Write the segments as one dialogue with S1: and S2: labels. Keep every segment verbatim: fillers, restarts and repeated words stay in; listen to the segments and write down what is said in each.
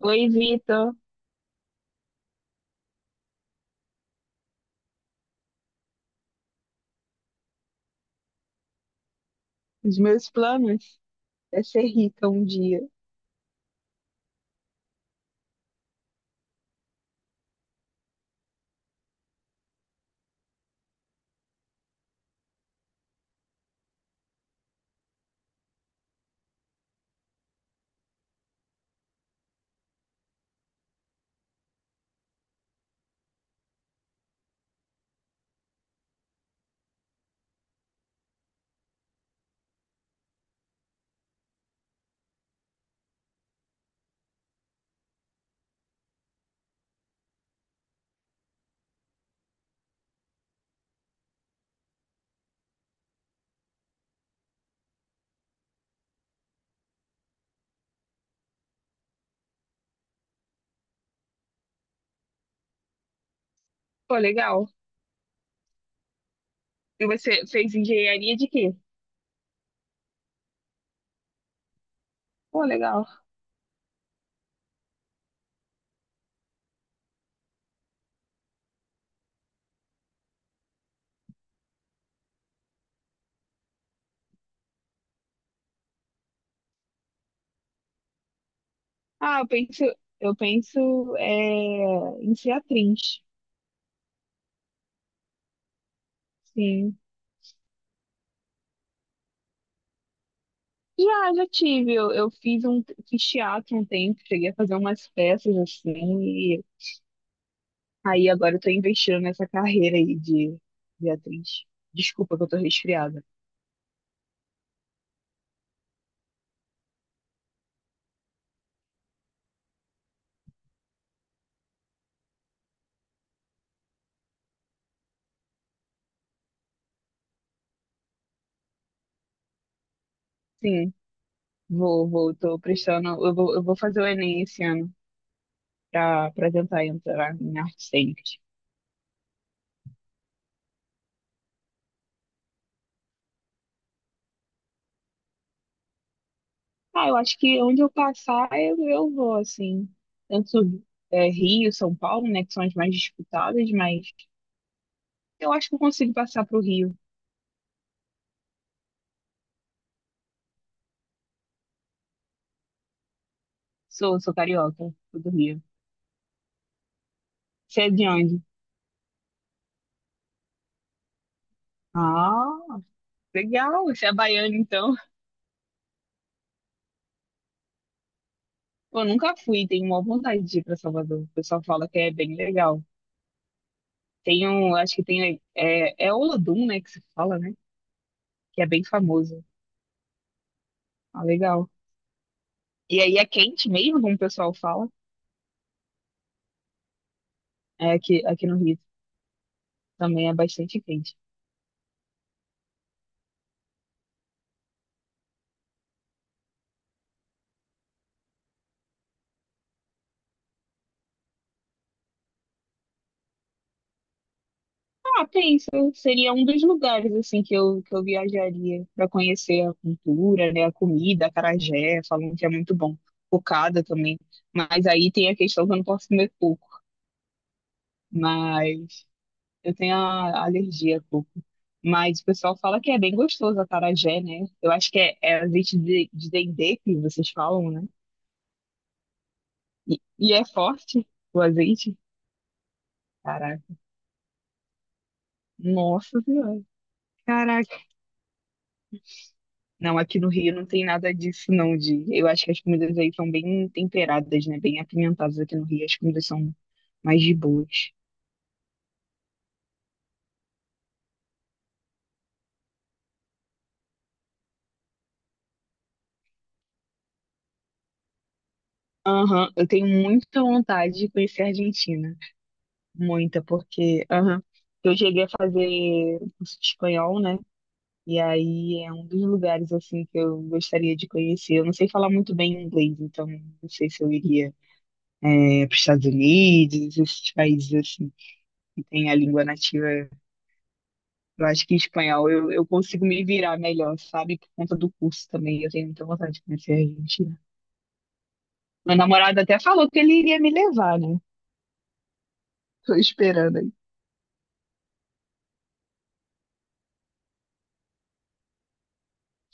S1: Oi, Vitor. Os meus planos é ser rica um dia. Pô, legal. E você fez engenharia de quê? Pô, legal. Ah, eu penso, eu penso é, em ser atriz. Sim. Já, já tive. Eu, eu fiz um, fiz teatro um tempo, cheguei a fazer umas peças assim. E aí agora eu tô investindo nessa carreira aí de, de atriz. Desculpa que eu tô resfriada. Sim, vou, vou, tô prestando. Eu vou, eu vou fazer o Enem esse ano para para tentar entrar em artes cênicas. Ah, eu acho que onde eu passar, eu, eu vou, assim. Tanto é, Rio, São Paulo, né, que são as mais disputadas, mas eu acho que eu consigo passar pro Rio. Sou, sou carioca, sou do Rio. Você é de onde? Ah, legal, você é baiano, então. Eu nunca fui, tenho uma vontade de ir para Salvador. O pessoal fala que é bem legal. Tem um, acho que tem, é, é Olodum, né, que se fala, né, que é bem famoso. Ah, legal. E aí é quente mesmo, como o pessoal fala. É, aqui, aqui no Rio também é bastante quente. Ah, penso, seria um dos lugares assim que eu, que eu viajaria para conhecer a cultura, né, a comida, acarajé, falam que é muito bom. Cocada também. Mas aí tem a questão que eu não posso comer coco, mas eu tenho a alergia a coco. Mas o pessoal fala que é bem gostoso acarajé, né? Eu acho que é, é azeite de, de dendê que vocês falam, né? E, e é forte o azeite. Caraca. Nossa Senhora. Caraca. Não, aqui no Rio não tem nada disso, não, de. Eu acho que as comidas aí são bem temperadas, né? Bem apimentadas aqui no Rio. As comidas são mais de boas. Aham, eu tenho muita vontade de conhecer a Argentina. Muita, porque aham, eu cheguei a fazer curso de espanhol, né? E aí é um dos lugares assim que eu gostaria de conhecer. Eu não sei falar muito bem inglês, então não sei se eu iria eh, para os Estados Unidos, esses países assim que tem a língua nativa. Eu acho que espanhol eu, eu consigo me virar melhor, sabe? Por conta do curso também. Eu tenho muita vontade de conhecer a Argentina. Meu namorado até falou que ele iria me levar, né? Tô esperando aí.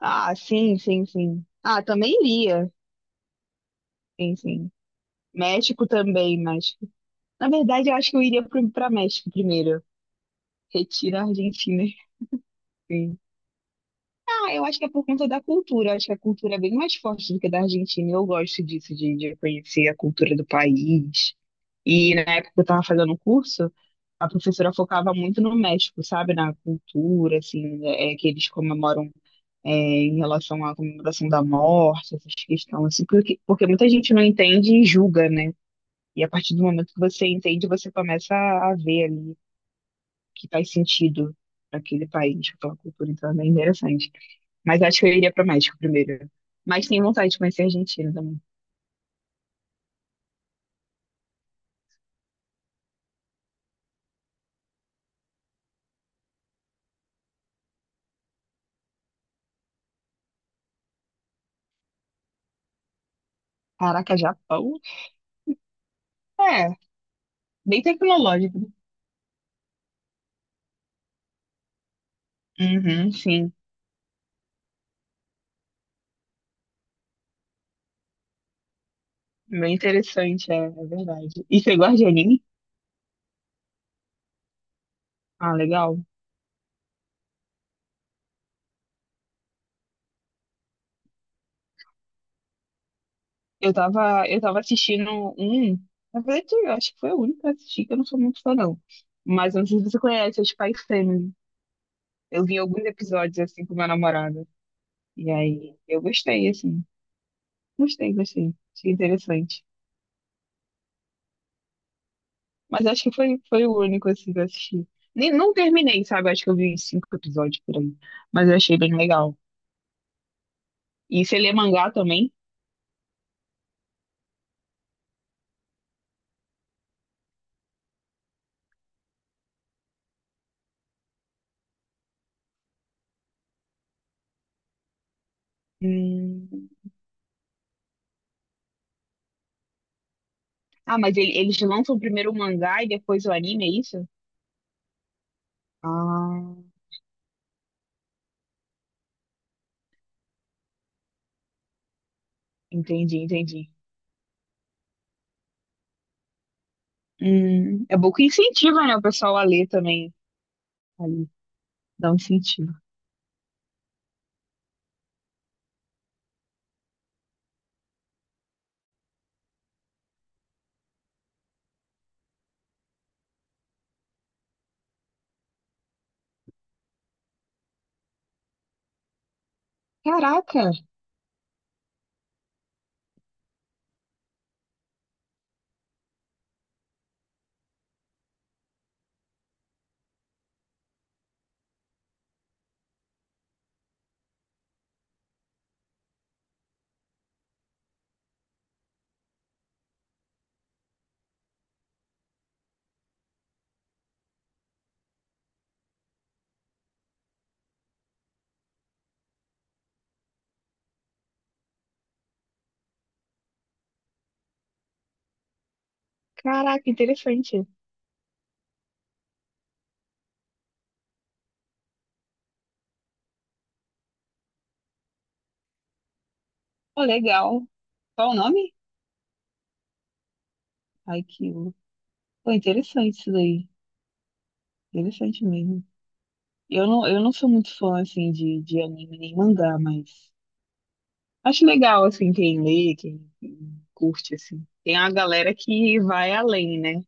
S1: Ah, sim, sim, sim. Ah, também iria. Sim, sim. México também, México. Na verdade, eu acho que eu iria pro- pra México primeiro. Retira a Argentina. Sim. Ah, eu acho que é por conta da cultura. Eu acho que a cultura é bem mais forte do que a da Argentina. Eu gosto disso, de, de conhecer a cultura do país. E na época que eu estava fazendo o curso, a professora focava muito no México, sabe? Na cultura, assim, é, é que eles comemoram é, em relação à comemoração da morte, essas questões, assim, porque, porque muita gente não entende e julga, né? E a partir do momento que você entende, você começa a, a ver ali que faz sentido para aquele país, para aquela cultura. Então é bem interessante. Mas acho que eu iria para o México primeiro. Mas tenho vontade de conhecer a Argentina também. Caraca, Japão? É, bem tecnológico. Uhum, sim. Bem interessante, é, é verdade. E você gosta de anime? Ah, legal. Eu tava, eu tava assistindo um. Na verdade, eu acho que foi o único que eu assisti, que eu não sou muito fã, não. Mas eu não sei se você conhece, é Spy Family. Eu vi alguns episódios assim com meu namorado. E aí, eu gostei, assim. Gostei, gostei. Achei interessante. Mas acho que foi, foi o único assim que eu assisti. Nem, não terminei, sabe? Acho que eu vi cinco episódios por aí. Mas eu achei bem legal. E você lê mangá também? Hum. Ah, mas ele- eles lançam primeiro o mangá e depois o anime, é isso? Ah, entendi, entendi. Hum, é bom que incentiva, né, o pessoal a ler também. Ali, dá um incentivo. Caraca, caraca, interessante. Pô, legal. Qual o nome? Ai, que... Pô, interessante isso daí. Interessante mesmo. Eu não, eu não sou muito fã, assim, de, de anime nem mangá, mas acho legal, assim, quem lê, quem, quem curte, assim. Tem a galera que vai além, né?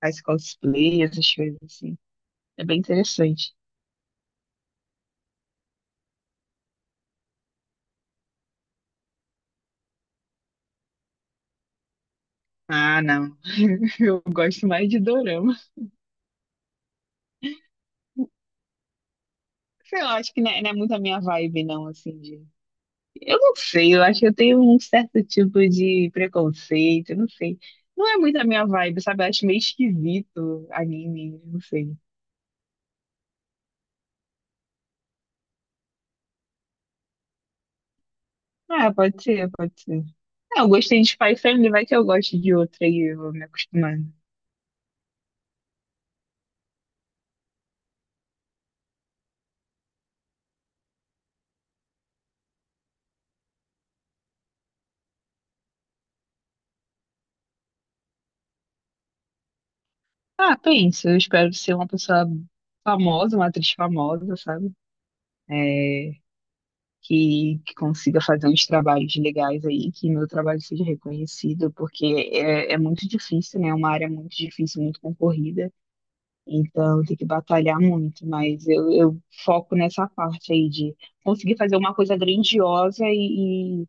S1: Faz cosplay, essas coisas, assim. É bem interessante. Ah, não. Eu gosto mais de dorama. Sei lá, acho que não é, não é muito a minha vibe, não, assim, de... Eu não sei, eu acho que eu tenho um certo tipo de preconceito, eu não sei. Não é muito a minha vibe, sabe? Eu acho meio esquisito anime, não sei. Ah, pode ser, pode ser. Ah, eu gostei de Spy Family, vai que eu gosto de outra e eu vou me acostumando. Ah, pensa, eu espero ser uma pessoa famosa, uma atriz famosa, sabe? É, que, que consiga fazer uns trabalhos legais aí, que meu trabalho seja reconhecido, porque é, é muito difícil, né? É uma área muito difícil, muito concorrida, então tem que batalhar muito, mas eu, eu foco nessa parte aí de conseguir fazer uma coisa grandiosa e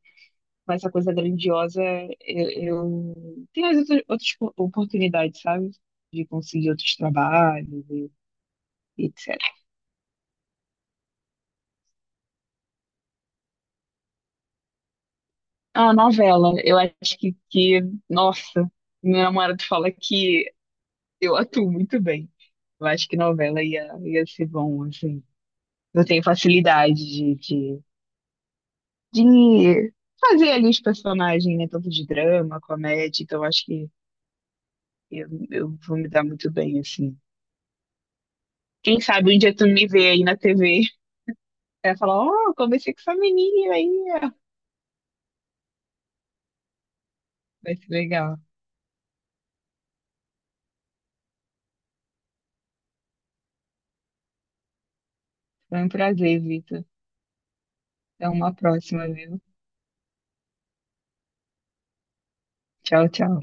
S1: mas essa coisa grandiosa, eu, eu tenho as outras, outras po- oportunidades, sabe? De conseguir outros trabalhos e e et cetera. A novela, eu acho que, que, nossa, meu namorado fala que eu atuo muito bem. Eu acho que novela ia, ia ser bom, assim. Eu tenho facilidade de, de, de fazer ali os personagens, né? Tanto de drama, comédia, então eu acho que eu, eu vou me dar muito bem, assim. Quem sabe um dia tu me vê aí na T V. Ela falou, "oh, comecei com essa menina aí, ó." Vai ser legal. Foi um prazer, Vitor. Até uma próxima, viu? Tchau, tchau.